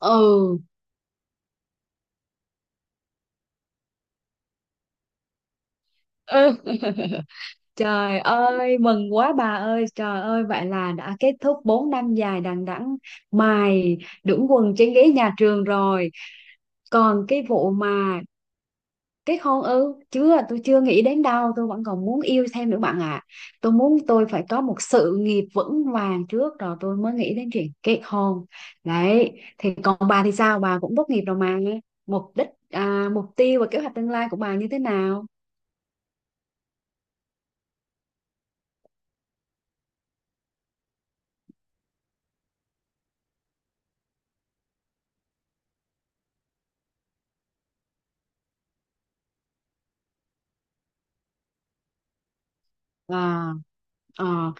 Ừ. Ừ. Trời ơi, mừng quá bà ơi, trời ơi, vậy là đã kết thúc 4 năm dài đằng đẵng mài đũng quần trên ghế nhà trường rồi. Còn cái vụ mà kết hôn ư, chưa, tôi chưa nghĩ đến đâu, tôi vẫn còn muốn yêu thêm nữa bạn ạ. Tôi muốn tôi phải có một sự nghiệp vững vàng trước rồi tôi mới nghĩ đến chuyện kết hôn. Đấy, thì còn bà thì sao, bà cũng tốt nghiệp rồi mà, mục đích, mục tiêu và kế hoạch tương lai của bà như thế nào? À. À.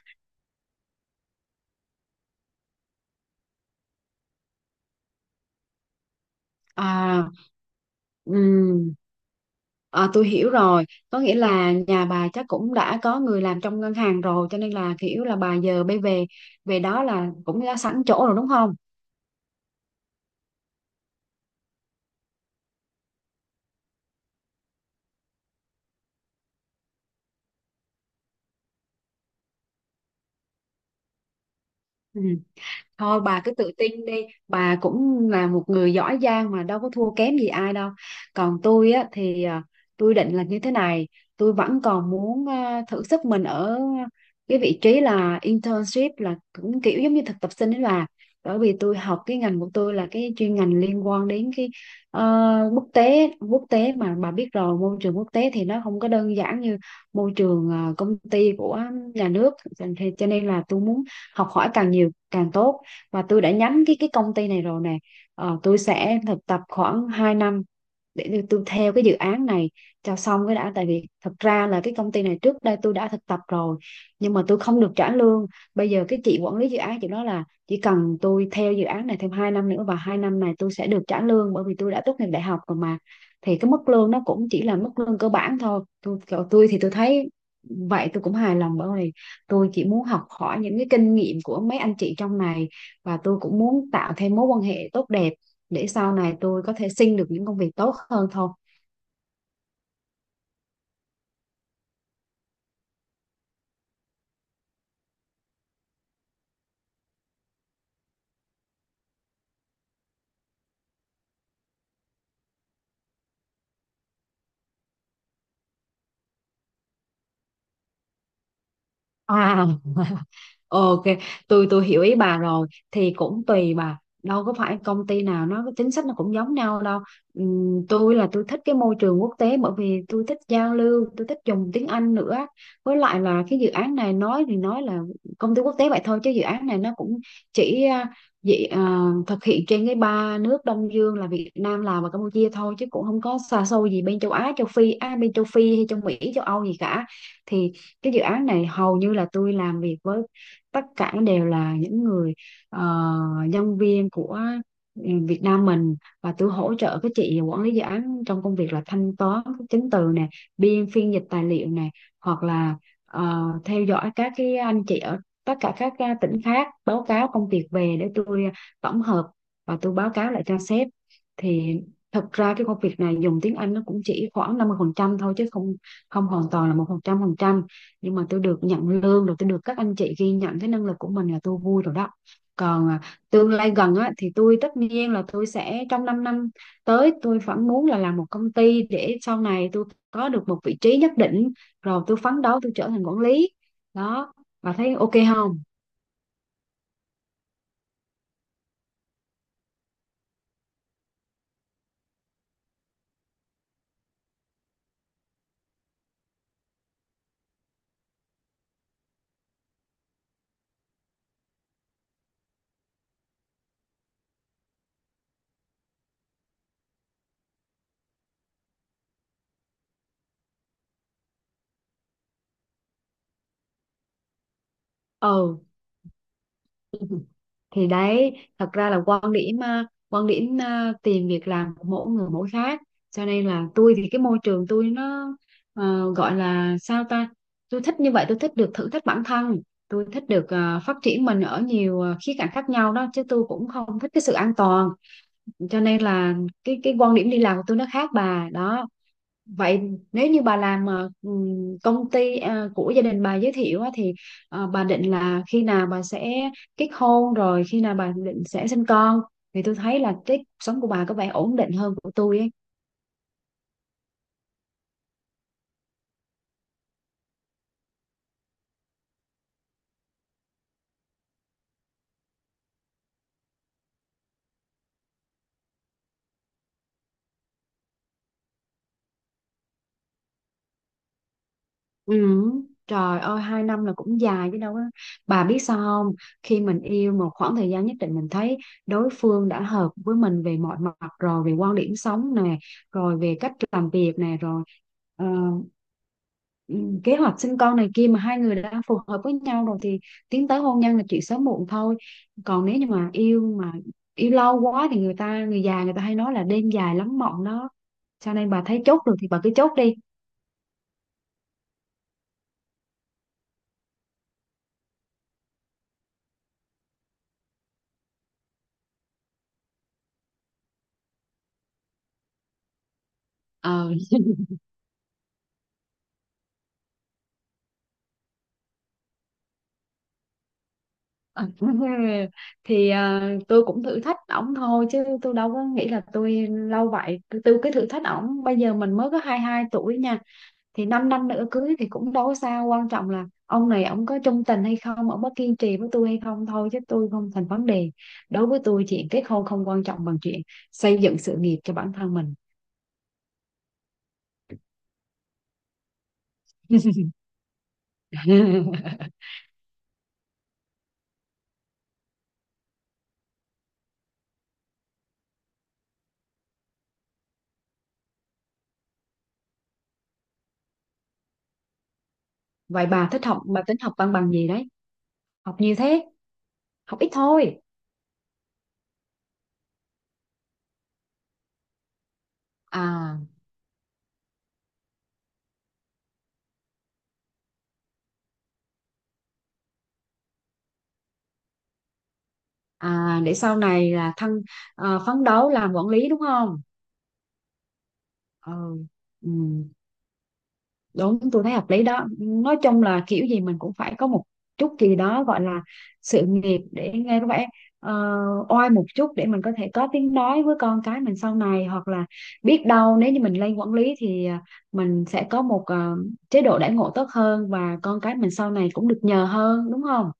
À. Ừm, à, tôi hiểu rồi, có nghĩa là nhà bà chắc cũng đã có người làm trong ngân hàng rồi cho nên là kiểu là bà giờ về về đó là cũng đã sẵn chỗ rồi đúng không? Ừ, thôi bà cứ tự tin đi, bà cũng là một người giỏi giang mà đâu có thua kém gì ai đâu. Còn tôi á thì tôi định là như thế này, tôi vẫn còn muốn thử sức mình ở cái vị trí là internship, là cũng kiểu giống như thực tập sinh đấy bà. Bởi vì tôi học cái ngành của tôi là cái chuyên ngành liên quan đến cái quốc tế, quốc tế mà bà biết rồi, môi trường quốc tế thì nó không có đơn giản như môi trường công ty của nhà nước, cho cho nên là tôi muốn học hỏi càng nhiều càng tốt, và tôi đã nhắm cái công ty này rồi nè. Ờ, tôi sẽ thực tập khoảng 2 năm để tôi theo cái dự án này cho xong cái đã, tại vì thật ra là cái công ty này trước đây tôi đã thực tập rồi nhưng mà tôi không được trả lương. Bây giờ cái chị quản lý dự án, chị nói là chỉ cần tôi theo dự án này thêm 2 năm nữa và 2 năm này tôi sẽ được trả lương bởi vì tôi đã tốt nghiệp đại học rồi mà. Thì cái mức lương nó cũng chỉ là mức lương cơ bản thôi. Tôi thì tôi thấy vậy tôi cũng hài lòng, bởi vì tôi chỉ muốn học hỏi những cái kinh nghiệm của mấy anh chị trong này, và tôi cũng muốn tạo thêm mối quan hệ tốt đẹp để sau này tôi có thể xin được những công việc tốt hơn thôi. À. Ờ, ok, tôi hiểu ý bà rồi, thì cũng tùy bà, đâu có phải công ty nào nó cái chính sách nó cũng giống nhau đâu. Tôi là tôi thích cái môi trường quốc tế, bởi vì tôi thích giao lưu, tôi thích dùng tiếng Anh nữa, với lại là cái dự án này nói thì nói là công ty quốc tế vậy thôi chứ dự án này nó cũng chỉ thực hiện trên cái ba nước Đông Dương là Việt Nam, Lào và Campuchia thôi, chứ cũng không có xa xôi gì bên châu Á, châu Phi, bên châu Phi hay châu Mỹ, châu Âu gì cả. Thì cái dự án này hầu như là tôi làm việc với tất cả đều là những người ờ, nhân viên của, ừ, Việt Nam mình, và tôi hỗ trợ các chị quản lý dự án trong công việc là thanh toán các chứng từ nè, biên phiên dịch tài liệu nè, hoặc là theo dõi các cái anh chị ở tất cả các tỉnh khác báo cáo công việc về để tôi tổng hợp và tôi báo cáo lại cho sếp. Thì thật ra cái công việc này dùng tiếng Anh nó cũng chỉ khoảng 50% thôi chứ không không hoàn toàn là 100%, nhưng mà tôi được nhận lương rồi, tôi được các anh chị ghi nhận cái năng lực của mình là tôi vui rồi đó. Còn tương lai gần á, thì tôi tất nhiên là tôi sẽ trong 5 năm tới tôi vẫn muốn là làm một công ty để sau này tôi có được một vị trí nhất định rồi tôi phấn đấu tôi trở thành quản lý đó, bà thấy ok không? Ừ, thì đấy thật ra là quan điểm quan điểm tìm việc làm của mỗi người mỗi khác, cho nên là tôi thì cái môi trường tôi nó gọi là sao ta, tôi thích như vậy, tôi thích được thử thách bản thân, tôi thích được phát triển mình ở nhiều khía cạnh khác nhau đó, chứ tôi cũng không thích cái sự an toàn, cho nên là cái quan điểm đi làm của tôi nó khác bà đó. Vậy nếu như bà làm công ty của gia đình bà giới thiệu á, thì bà định là khi nào bà sẽ kết hôn, rồi khi nào bà định sẽ sinh con, thì tôi thấy là cái cuộc sống của bà có vẻ ổn định hơn của tôi ấy. Ừ. Trời ơi, 2 năm là cũng dài chứ đâu á. Bà biết sao không? Khi mình yêu một khoảng thời gian nhất định, mình thấy đối phương đã hợp với mình về mọi mặt rồi, về quan điểm sống nè, rồi về cách làm việc nè, rồi ờ, ừ, kế hoạch sinh con này kia, mà hai người đã phù hợp với nhau rồi thì tiến tới hôn nhân là chuyện sớm muộn thôi. Còn nếu như mà yêu lâu quá thì người ta, người già người ta hay nói là đêm dài lắm mộng đó, cho nên bà thấy chốt được thì bà cứ chốt đi. Ờ. Ờ, thì tôi cũng thử thách ổng thôi chứ tôi đâu có nghĩ là tôi lâu vậy, tôi cứ thử thách ổng, bây giờ mình mới có 22 tuổi nha, thì 5 năm nữa cưới thì cũng đâu có sao, quan trọng là ông này ổng có trung tình hay không, ổng có kiên trì với tôi hay không thôi chứ tôi không thành vấn đề. Đối với tôi chuyện kết hôn không quan trọng bằng chuyện xây dựng sự nghiệp cho bản thân mình. Vậy bà thích học bà tính học văn bằng gì đấy, học nhiều thế, học ít thôi. À. À, để sau này là thân, phấn đấu làm quản lý đúng không? Ừ. Ừ. Đúng, tôi thấy hợp lý đó, nói chung là kiểu gì mình cũng phải có một chút gì đó gọi là sự nghiệp để nghe có vẻ ờ, oai một chút, để mình có thể có tiếng nói với con cái mình sau này, hoặc là biết đâu nếu như mình lên quản lý thì mình sẽ có một chế độ đãi ngộ tốt hơn và con cái mình sau này cũng được nhờ hơn, đúng không?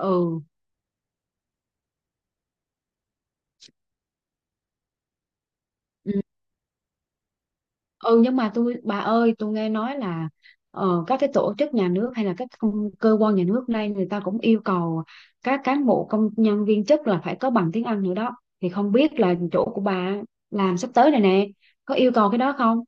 Ừ. Ừ. Ừ, nhưng mà tôi bà ơi, tôi nghe nói là các cái tổ chức nhà nước hay là cơ quan nhà nước nay người ta cũng yêu cầu các cán bộ công nhân viên chức là phải có bằng tiếng Anh nữa đó, thì không biết là chỗ của bà làm sắp tới này nè có yêu cầu cái đó không.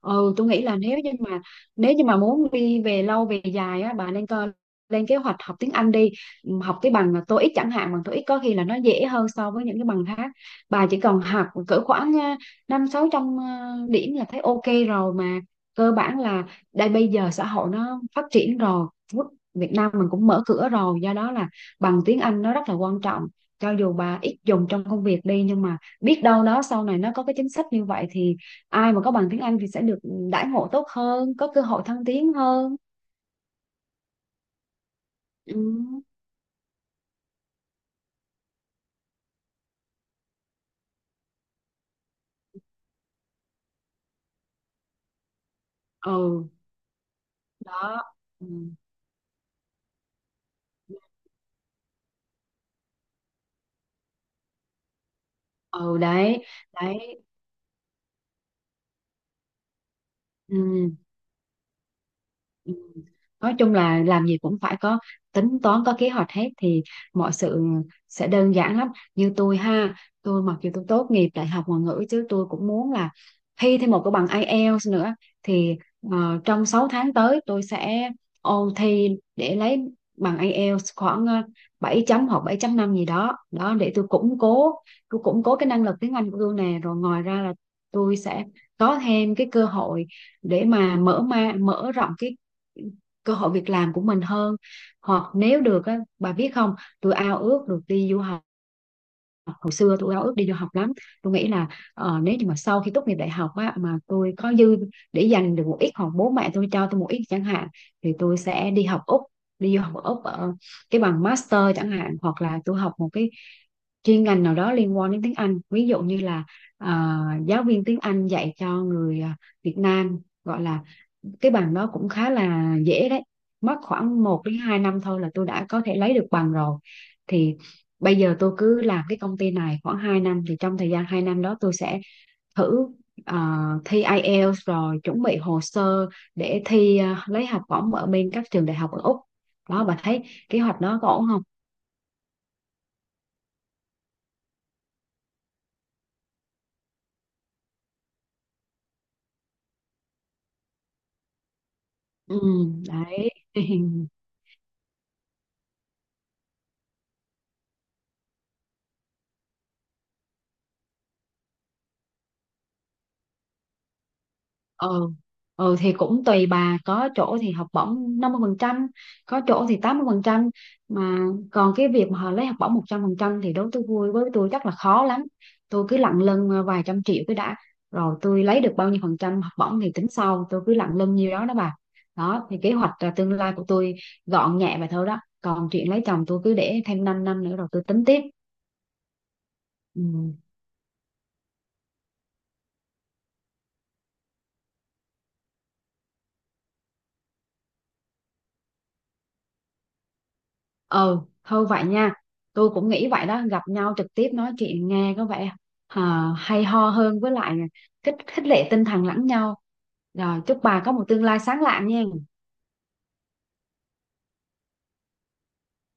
Ừ, tôi nghĩ là nếu như mà muốn đi về lâu về dài á, bà nên coi lên kế hoạch học tiếng Anh đi. Học cái bằng TOEIC chẳng hạn, bằng TOEIC có khi là nó dễ hơn so với những cái bằng khác, bà chỉ cần học cỡ khoảng năm sáu trăm điểm là thấy ok rồi mà, cơ bản là đây bây giờ xã hội nó phát triển rồi. Quốc- Việt Nam mình cũng mở cửa rồi, do đó là bằng tiếng Anh nó rất là quan trọng, cho dù bà ít dùng trong công việc đi nhưng mà biết đâu đó sau này nó có cái chính sách như vậy thì ai mà có bằng tiếng Anh thì sẽ được đãi ngộ tốt hơn, có cơ hội thăng tiến hơn. Ừ. Ừ. Đó. Ừ, ừ. Đấy. Đấy. Ừ. Ừ. Nói chung là làm gì cũng phải có tính toán, có kế hoạch hết thì mọi sự sẽ đơn giản lắm. Như tôi ha, tôi mặc dù tôi tốt nghiệp đại học ngoại ngữ chứ tôi cũng muốn là thi thêm một cái bằng IELTS nữa, thì trong 6 tháng tới tôi sẽ ôn thi để lấy bằng IELTS khoảng 7 chấm hoặc 7.5 gì đó đó, để tôi củng cố cái năng lực tiếng Anh của tôi nè, rồi ngoài ra là tôi sẽ có thêm cái cơ hội để mà mở rộng cái cơ hội việc làm của mình hơn. Hoặc nếu được á, bà biết không, tôi ao ước được đi du học, hồi xưa tôi ao ước đi du học lắm. Tôi nghĩ là nếu như mà sau khi tốt nghiệp đại học á mà tôi có dư, để dành được một ít hoặc bố mẹ tôi cho tôi một ít chẳng hạn, thì tôi sẽ đi học Úc, đi du học ở Úc ở cái bằng master chẳng hạn, hoặc là tôi học một cái chuyên ngành nào đó liên quan đến tiếng Anh, ví dụ như là ờ, giáo viên tiếng Anh dạy cho người, Việt Nam gọi là, cái bằng đó cũng khá là dễ đấy, mất khoảng 1 đến 2 năm thôi là tôi đã có thể lấy được bằng rồi. Thì bây giờ tôi cứ làm cái công ty này khoảng 2 năm, thì trong thời gian 2 năm đó tôi sẽ thử ờ, thi IELTS rồi chuẩn bị hồ sơ để thi lấy học bổng ở bên các trường đại học ở Úc đó, bà thấy kế hoạch đó có ổn không? Ừ. Đấy. Ừ. Ừ, thì cũng tùy bà, có chỗ thì học bổng 50%, có chỗ thì 80% mà, còn cái việc mà họ lấy học bổng 100% thì đối với tôi vui, với tôi chắc là khó lắm, tôi cứ lận lưng vài trăm triệu cái đã, rồi tôi lấy được bao nhiêu phần trăm học bổng thì tính sau, tôi cứ lận lưng nhiêu đó đó bà. Đó, thì kế hoạch tương lai của tôi gọn nhẹ vậy thôi đó, còn chuyện lấy chồng tôi cứ để thêm 5 năm nữa rồi tôi tính tiếp. Ừ. Ừ, thôi vậy nha, tôi cũng nghĩ vậy đó, gặp nhau trực tiếp nói chuyện nghe có vẻ hay ho hơn, với lại là khích lệ tinh thần lẫn nhau, rồi chúc bà có một tương lai sáng lạng nha